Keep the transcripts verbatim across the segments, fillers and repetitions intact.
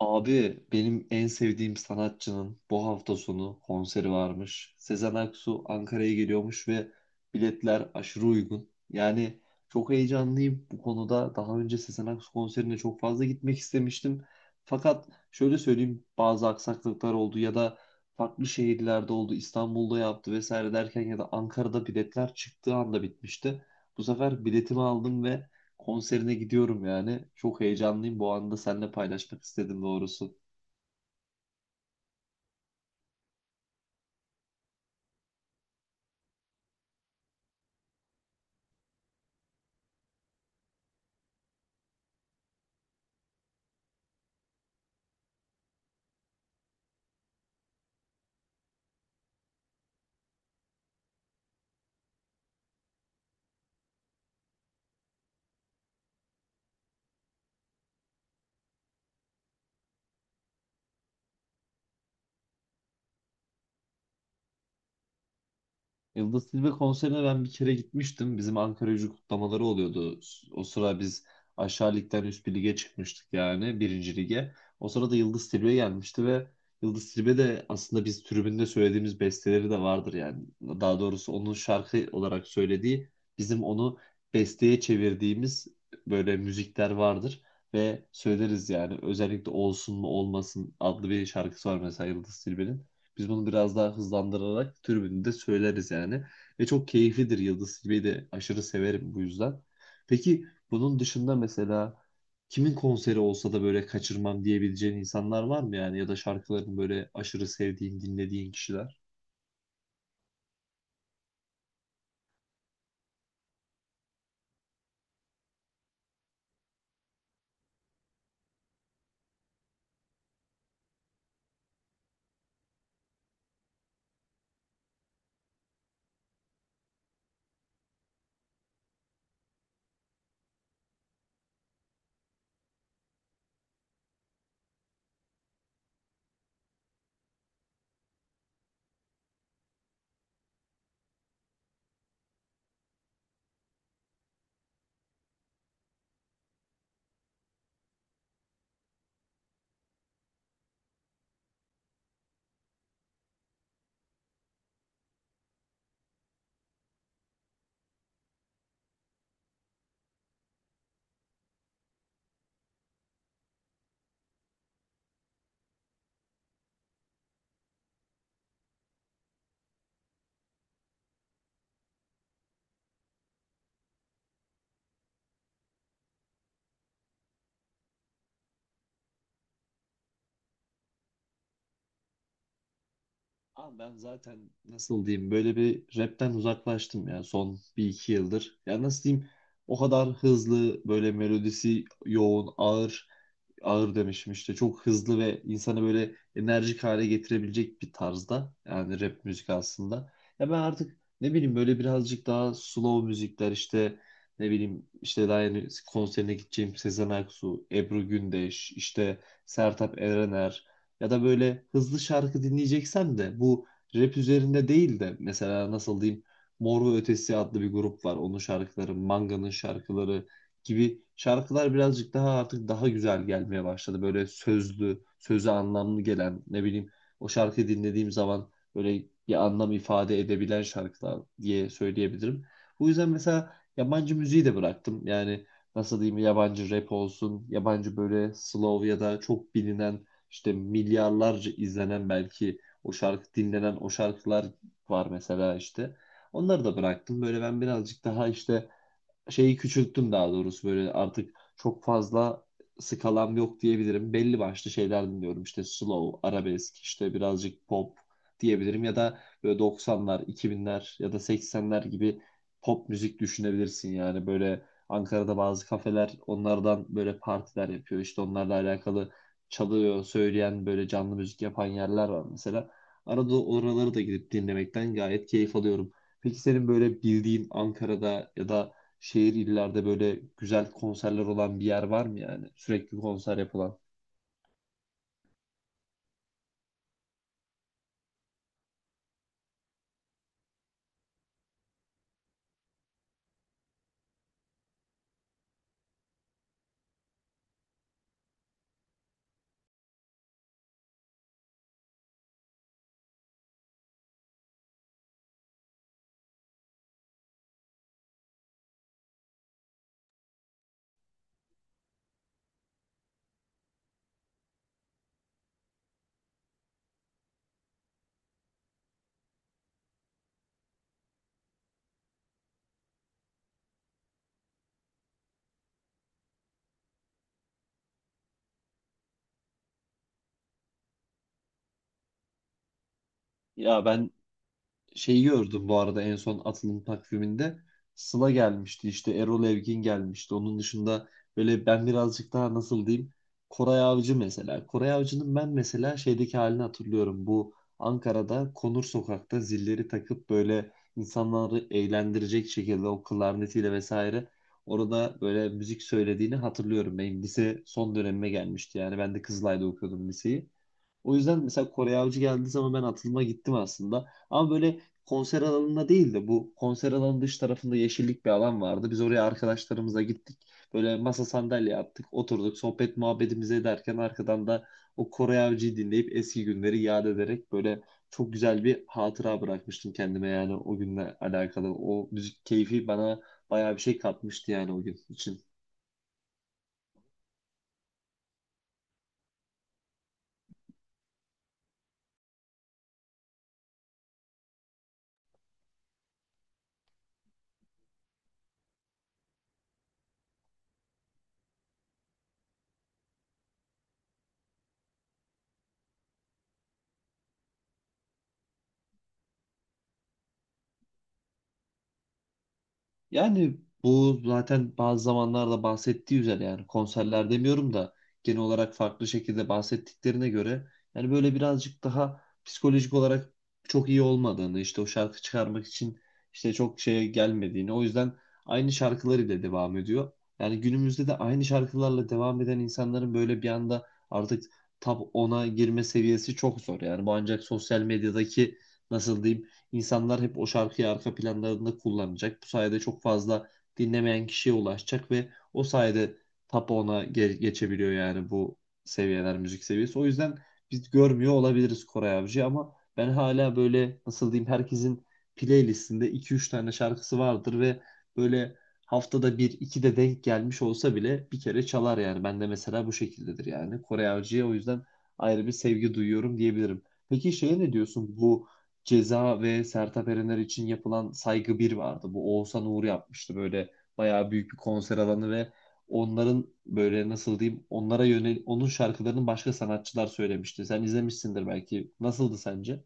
Abi benim en sevdiğim sanatçının bu hafta sonu konseri varmış. Sezen Aksu Ankara'ya geliyormuş ve biletler aşırı uygun. Yani çok heyecanlıyım bu konuda. Daha önce Sezen Aksu konserine çok fazla gitmek istemiştim. Fakat şöyle söyleyeyim bazı aksaklıklar oldu ya da farklı şehirlerde oldu. İstanbul'da yaptı vesaire derken ya da Ankara'da biletler çıktığı anda bitmişti. Bu sefer biletimi aldım ve konserine gidiyorum yani. Çok heyecanlıyım. Bu anda seninle paylaşmak istedim doğrusu. Yıldız Tilbe konserine ben bir kere gitmiştim. Bizim Ankara Gücü kutlamaları oluyordu. O sıra biz aşağı ligden üst bir lige çıkmıştık yani birinci lige. O sırada Yıldız Tilbe gelmişti ve Yıldız Tilbe de aslında biz tribünde söylediğimiz besteleri de vardır yani. Daha doğrusu onun şarkı olarak söylediği bizim onu besteye çevirdiğimiz böyle müzikler vardır. Ve söyleriz yani özellikle Olsun mu Olmasın adlı bir şarkısı var mesela Yıldız Tilbe'nin. Biz bunu biraz daha hızlandırarak tribünde de söyleriz yani. Ve çok keyiflidir, Yıldız Tilbe'yi de aşırı severim bu yüzden. Peki bunun dışında mesela kimin konseri olsa da böyle kaçırmam diyebileceğin insanlar var mı yani? Ya da şarkılarını böyle aşırı sevdiğin, dinlediğin kişiler? Abi ben zaten nasıl diyeyim böyle bir rapten uzaklaştım ya, son bir iki yıldır. Ya nasıl diyeyim o kadar hızlı, böyle melodisi yoğun, ağır ağır demişim işte, çok hızlı ve insanı böyle enerjik hale getirebilecek bir tarzda yani rap müzik aslında. Ya ben artık ne bileyim böyle birazcık daha slow müzikler işte, ne bileyim işte daha yeni konserine gideceğim Sezen Aksu, Ebru Gündeş, işte Sertab Erener ya da böyle hızlı şarkı dinleyeceksen de bu rap üzerinde değil de mesela nasıl diyeyim Mor ve Ötesi adlı bir grup var. Onun şarkıları, Manga'nın şarkıları gibi şarkılar birazcık daha artık daha güzel gelmeye başladı. Böyle sözlü, sözü anlamlı gelen ne bileyim o şarkıyı dinlediğim zaman böyle bir anlam ifade edebilen şarkılar diye söyleyebilirim. Bu yüzden mesela yabancı müziği de bıraktım. Yani nasıl diyeyim yabancı rap olsun, yabancı böyle slow ya da çok bilinen, işte milyarlarca izlenen belki o şarkı dinlenen o şarkılar var mesela işte. Onları da bıraktım. Böyle ben birazcık daha işte şeyi küçülttüm daha doğrusu, böyle artık çok fazla skalam yok diyebilirim. Belli başlı şeyler dinliyorum işte slow, arabesk, işte birazcık pop diyebilirim ya da böyle doksanlar, iki binler ya da seksenler gibi pop müzik düşünebilirsin yani böyle Ankara'da bazı kafeler onlardan böyle partiler yapıyor işte, onlarla alakalı çalıyor, söyleyen böyle canlı müzik yapan yerler var mesela. Arada oraları da gidip dinlemekten gayet keyif alıyorum. Peki senin böyle bildiğin Ankara'da ya da şehir illerde böyle güzel konserler olan bir yer var mı yani? Sürekli konser yapılan. Ya ben şeyi gördüm bu arada en son atılım takviminde. Sıla gelmişti, işte Erol Evgin gelmişti. Onun dışında böyle ben birazcık daha nasıl diyeyim Koray Avcı mesela. Koray Avcı'nın ben mesela şeydeki halini hatırlıyorum. Bu Ankara'da Konur Sokak'ta zilleri takıp böyle insanları eğlendirecek şekilde o klarnetiyle vesaire orada böyle müzik söylediğini hatırlıyorum. Benim lise son dönemime gelmişti yani, ben de Kızılay'da okuyordum liseyi. O yüzden mesela Kore Avcı geldiği zaman ben atılıma gittim aslında. Ama böyle konser alanında değil de bu konser alanının dış tarafında yeşillik bir alan vardı. Biz oraya arkadaşlarımıza gittik. Böyle masa sandalye attık, oturduk, sohbet muhabbetimizi ederken arkadan da o Kore Avcı'yı dinleyip eski günleri yad ederek böyle çok güzel bir hatıra bırakmıştım kendime yani, o günle alakalı. O müzik keyfi bana bayağı bir şey katmıştı yani o gün için. Yani bu zaten bazı zamanlarda bahsettiği üzere, yani konserler demiyorum da, genel olarak farklı şekilde bahsettiklerine göre yani böyle birazcık daha psikolojik olarak çok iyi olmadığını, işte o şarkı çıkarmak için işte çok şeye gelmediğini, o yüzden aynı şarkılarıyla devam ediyor. Yani günümüzde de aynı şarkılarla devam eden insanların böyle bir anda artık top ona girme seviyesi çok zor. Yani bu ancak sosyal medyadaki nasıl diyeyim İnsanlar hep o şarkıyı arka planlarında kullanacak. Bu sayede çok fazla dinlemeyen kişiye ulaşacak ve o sayede top ona ge- geçebiliyor yani bu seviyeler, müzik seviyesi. O yüzden biz görmüyor olabiliriz Koray Avcı, ama ben hala böyle nasıl diyeyim herkesin playlistinde iki üç tane şarkısı vardır ve böyle haftada bir iki de denk gelmiş olsa bile bir kere çalar yani. Ben de mesela bu şekildedir yani. Kore Avcı'ya o yüzden ayrı bir sevgi duyuyorum diyebilirim. Peki şeye ne diyorsun? Bu Ceza ve Sertab Erener için yapılan Saygı bir vardı. Bu Oğuzhan Uğur yapmıştı, böyle bayağı büyük bir konser alanı ve onların böyle nasıl diyeyim onlara yönel onun şarkılarını başka sanatçılar söylemişti. Sen izlemişsindir belki. Nasıldı sence?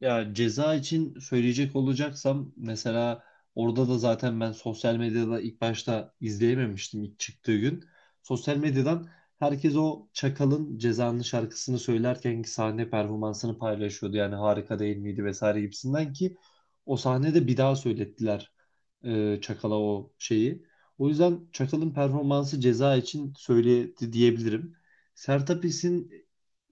Ya ceza için söyleyecek olacaksam mesela, orada da zaten ben sosyal medyada ilk başta izleyememiştim ilk çıktığı gün. Sosyal medyadan herkes o Çakal'ın Ceza'nın şarkısını söylerkenki sahne performansını paylaşıyordu. Yani harika değil miydi vesaire gibisinden ki o sahnede bir daha söylettiler e, Çakal'a o şeyi. O yüzden Çakal'ın performansı ceza için söyledi diyebilirim. Sertab İş'in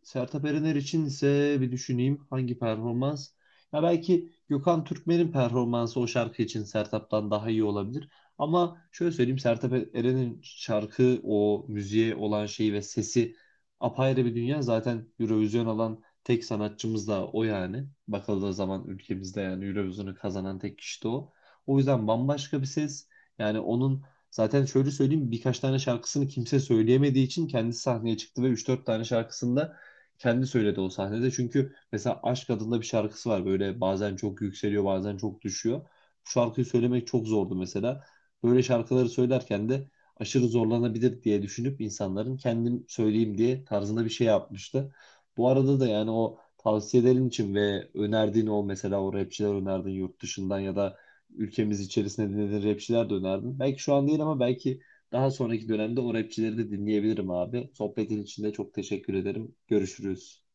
Sertab Erener için ise bir düşüneyim hangi performans? Ya belki Gökhan Türkmen'in performansı o şarkı için Sertab'dan daha iyi olabilir. Ama şöyle söyleyeyim Sertab Erener'in şarkı o müziğe olan şeyi ve sesi apayrı bir dünya. Zaten Eurovision alan tek sanatçımız da o yani. Bakıldığı zaman ülkemizde yani Eurovision'u kazanan tek kişi de o. O yüzden bambaşka bir ses. Yani onun zaten şöyle söyleyeyim birkaç tane şarkısını kimse söyleyemediği için kendisi sahneye çıktı ve üç dört tane şarkısında kendi söyledi o sahnede. Çünkü mesela Aşk adında bir şarkısı var. Böyle bazen çok yükseliyor, bazen çok düşüyor. Bu şarkıyı söylemek çok zordu mesela. Böyle şarkıları söylerken de aşırı zorlanabilir diye düşünüp insanların kendim söyleyeyim diye tarzında bir şey yapmıştı. Bu arada da yani o tavsiyelerin için ve önerdiğin o mesela o rapçiler önerdin yurt dışından ya da ülkemiz içerisinde dinlediğin rapçiler de önerdin. Belki şu an değil ama belki daha sonraki dönemde o rapçileri de dinleyebilirim abi. Sohbetin için de çok teşekkür ederim. Görüşürüz.